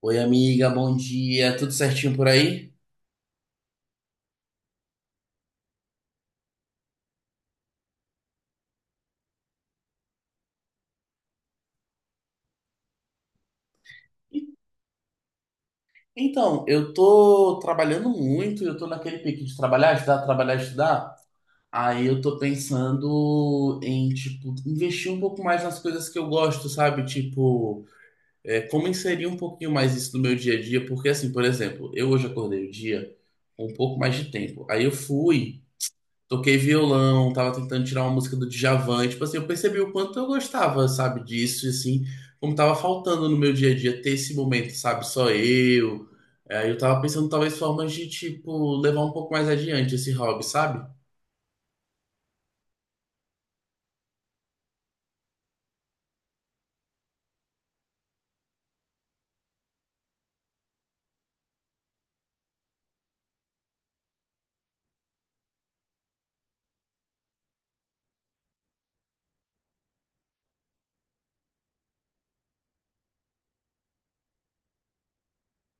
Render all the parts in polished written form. Oi, amiga, bom dia. Tudo certinho por aí? E- Então, eu tô trabalhando muito, eu tô naquele pique de trabalhar, estudar, trabalhar, estudar. Aí eu tô pensando em, tipo, investir um pouco mais nas coisas que eu gosto, sabe? Tipo, é, como inserir um pouquinho mais isso no meu dia a dia? Porque, assim, por exemplo, eu hoje acordei o dia com um pouco mais de tempo. Aí eu fui. Toquei violão, tava tentando tirar uma música do Djavan, e, tipo assim, eu percebi o quanto eu gostava, sabe, disso, e assim, como tava faltando no meu dia a dia ter esse momento, sabe, só eu. Aí eu tava pensando talvez formas de, tipo, levar um pouco mais adiante esse hobby, sabe?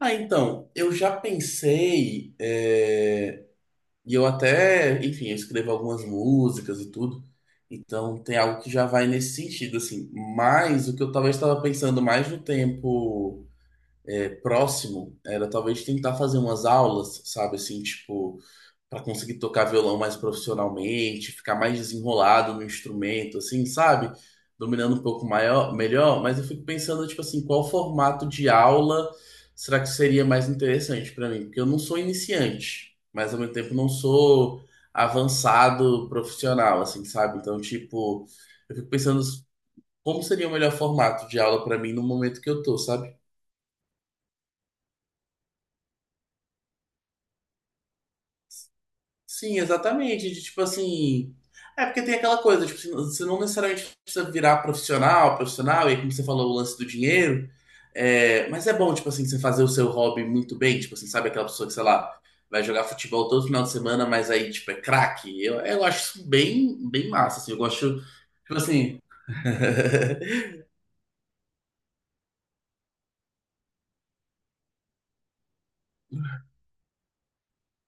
Ah, então, eu já pensei, é, e eu até, enfim, eu escrevo algumas músicas e tudo, então tem algo que já vai nesse sentido, assim, mas o que eu talvez estava pensando mais no tempo é, próximo era talvez tentar fazer umas aulas, sabe, assim, tipo, para conseguir tocar violão mais profissionalmente, ficar mais desenrolado no instrumento, assim, sabe? Dominando um pouco maior, melhor, mas eu fico pensando, tipo assim, qual formato de aula será que seria mais interessante para mim? Porque eu não sou iniciante, mas ao mesmo tempo não sou avançado profissional, assim, sabe? Então, tipo, eu fico pensando como seria o melhor formato de aula para mim no momento que eu tô, sabe? Sim, exatamente. De, tipo assim. É porque tem aquela coisa, tipo, assim, você não necessariamente precisa virar profissional, profissional, e aí, como você falou, o lance do dinheiro. É, mas é bom, tipo assim, você fazer o seu hobby muito bem. Tipo assim, sabe aquela pessoa que, sei lá, vai jogar futebol todo final de semana, mas aí, tipo, é craque. Eu acho isso bem, bem massa, assim. Eu gosto, tipo assim.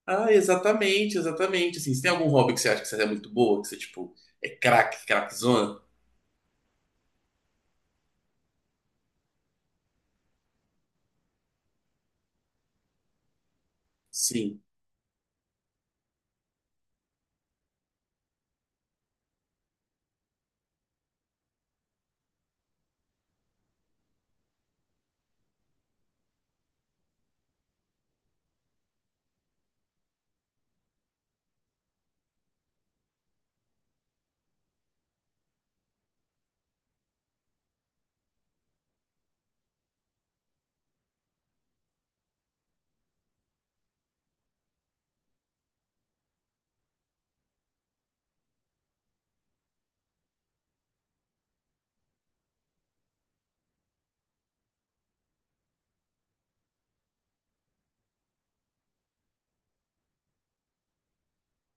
Ah, exatamente, exatamente. Assim, você tem algum hobby que você acha que você é muito boa, que você, tipo, é craque, craquezona? Sim.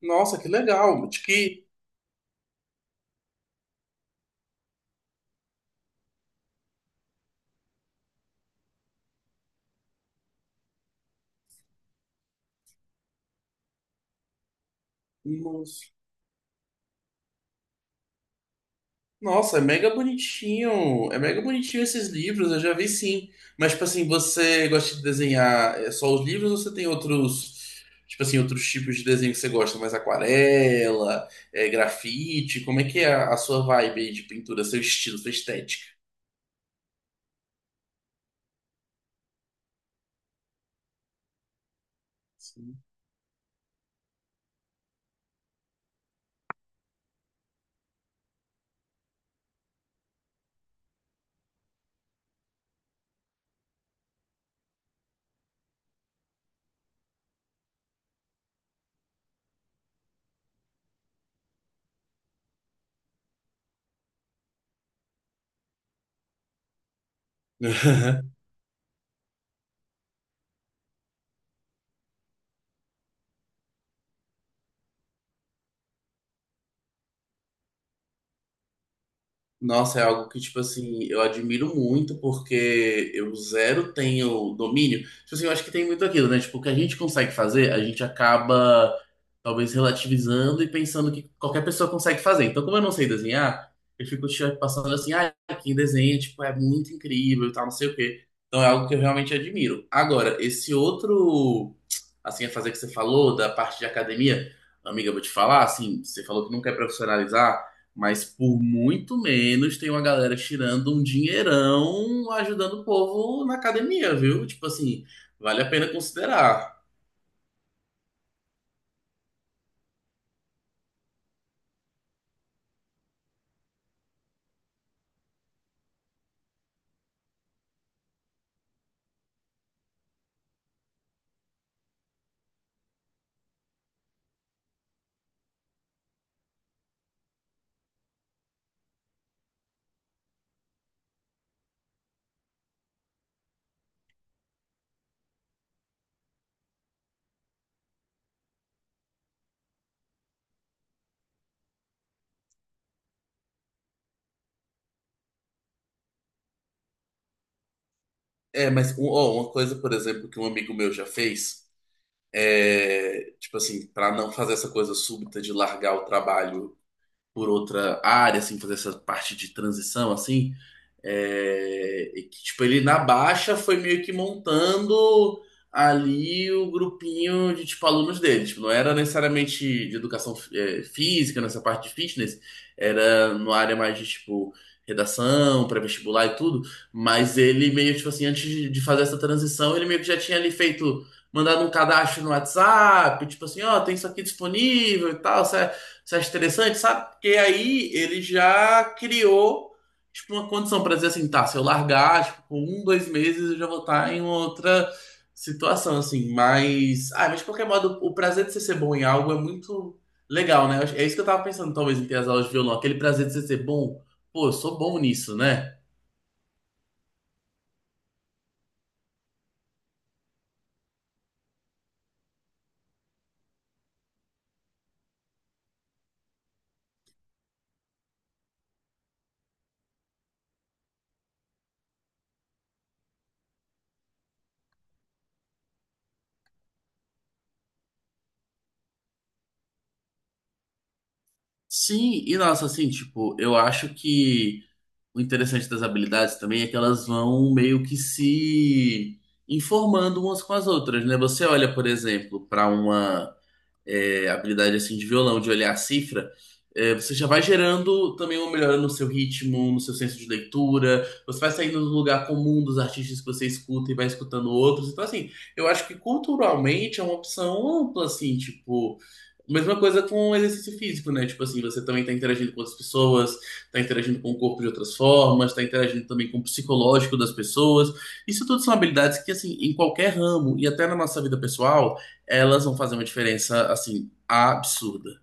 Nossa, que legal. Nossa, Nossa, é mega bonitinho. É mega bonitinho esses livros, eu já vi sim. Mas, tipo assim, você gosta de desenhar é, só os livros ou você tem outros, tipo assim, outros tipos de desenho que você gosta? Mais aquarela, é, grafite? Como é que é a sua vibe aí de pintura, seu estilo, sua estética? Sim. Nossa, é algo que, tipo assim, eu admiro muito, porque eu zero tenho domínio. Tipo assim, eu acho que tem muito aquilo, né? Tipo, o que a gente consegue fazer, a gente acaba talvez relativizando e pensando que qualquer pessoa consegue fazer. Então, como eu não sei desenhar, eu fico tipo, passando assim, ah, quem desenha, tipo, é muito incrível e tal, não sei o quê. Então, é algo que eu realmente admiro. Agora, esse outro, assim, a fazer que você falou, da parte de academia, amiga, eu vou te falar, assim, você falou que não quer profissionalizar. Mas por muito menos tem uma galera tirando um dinheirão ajudando o povo na academia, viu? Tipo assim, vale a pena considerar. É, mas um- ó, uma coisa, por exemplo, que um amigo meu já fez é, tipo assim, para não fazer essa coisa súbita de largar o trabalho por outra área, assim, fazer essa parte de transição, assim, é, e que, tipo, ele na baixa foi meio que montando ali o grupinho de, tipo, alunos dele. Tipo, não era necessariamente de educação é, física, nessa parte de fitness, era numa área mais de, tipo, redação, pré-vestibular e tudo, mas ele meio, tipo assim, antes de fazer essa transição, ele meio que já tinha ali feito, mandado um cadastro no WhatsApp, tipo assim, ó, tem isso aqui disponível e tal, você acha interessante, sabe? Porque aí ele já criou tipo, uma condição pra dizer assim, tá, se eu largar, tipo, com um, dois meses eu já vou estar em outra situação, assim, mas, ah, mas de qualquer modo, o prazer de você ser bom em algo é muito legal, né? Eu acho- É isso que eu tava pensando, talvez, em ter as aulas de violão, aquele prazer de você ser bom, pô, eu sou bom nisso, né? Sim, e nossa, assim, tipo, eu acho que o interessante das habilidades também é que elas vão meio que se informando umas com as outras, né? Você olha, por exemplo, para uma é, habilidade assim de violão, de olhar a cifra, é, você já vai gerando também uma melhora no seu ritmo, no seu senso de leitura, você vai saindo do lugar comum dos artistas que você escuta e vai escutando outros. Então, assim, eu acho que culturalmente é uma opção ampla, assim, tipo. Mesma coisa com o exercício físico, né? Tipo assim, você também tá interagindo com outras pessoas, tá interagindo com o corpo de outras formas, tá interagindo também com o psicológico das pessoas. Isso tudo são habilidades que, assim, em qualquer ramo e até na nossa vida pessoal, elas vão fazer uma diferença, assim, absurda.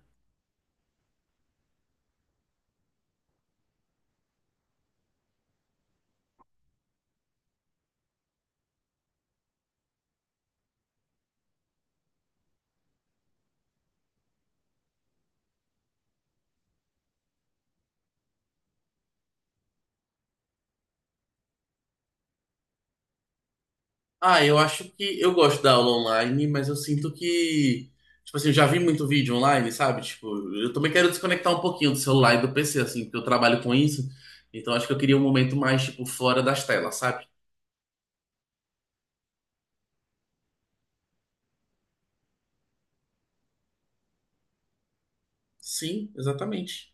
Ah, eu acho que eu gosto da aula online, mas eu sinto que, tipo assim, eu já vi muito vídeo online, sabe? Tipo, eu também quero desconectar um pouquinho do celular e do PC, assim, porque eu trabalho com isso. Então acho que eu queria um momento mais, tipo, fora das telas, sabe? Sim, exatamente.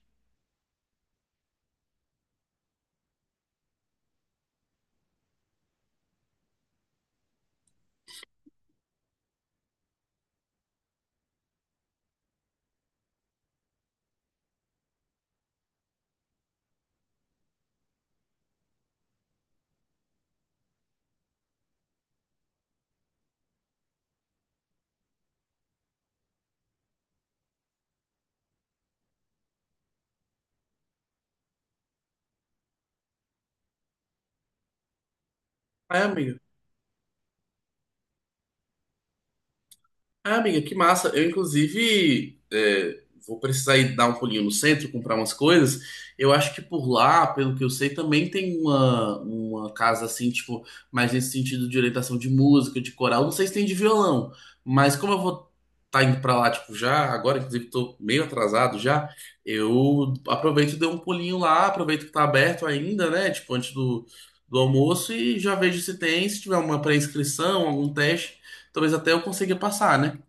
É, amiga. Ah, amiga, que massa. Eu, inclusive, é, vou precisar ir dar um pulinho no centro, comprar umas coisas. Eu acho que por lá, pelo que eu sei, também tem uma casa assim, tipo, mais nesse sentido de orientação de música, de coral. Não sei se tem de violão, mas como eu vou estar indo pra lá, tipo, já, agora, inclusive, tô meio atrasado já, eu aproveito e dou um pulinho lá, aproveito que tá aberto ainda, né? Tipo, antes do, do almoço e já vejo se tem, se tiver uma pré-inscrição, algum teste. Talvez até eu consiga passar, né?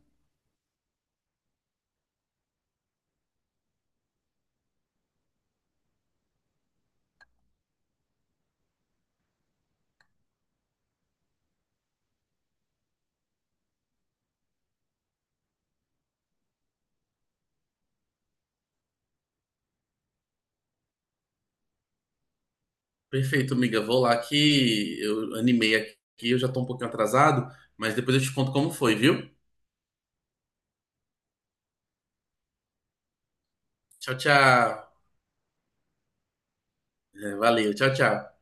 Perfeito, amiga. Vou lá que eu animei aqui, eu já tô um pouquinho atrasado, mas depois eu te conto como foi, viu? Tchau, tchau. É, valeu, tchau, tchau.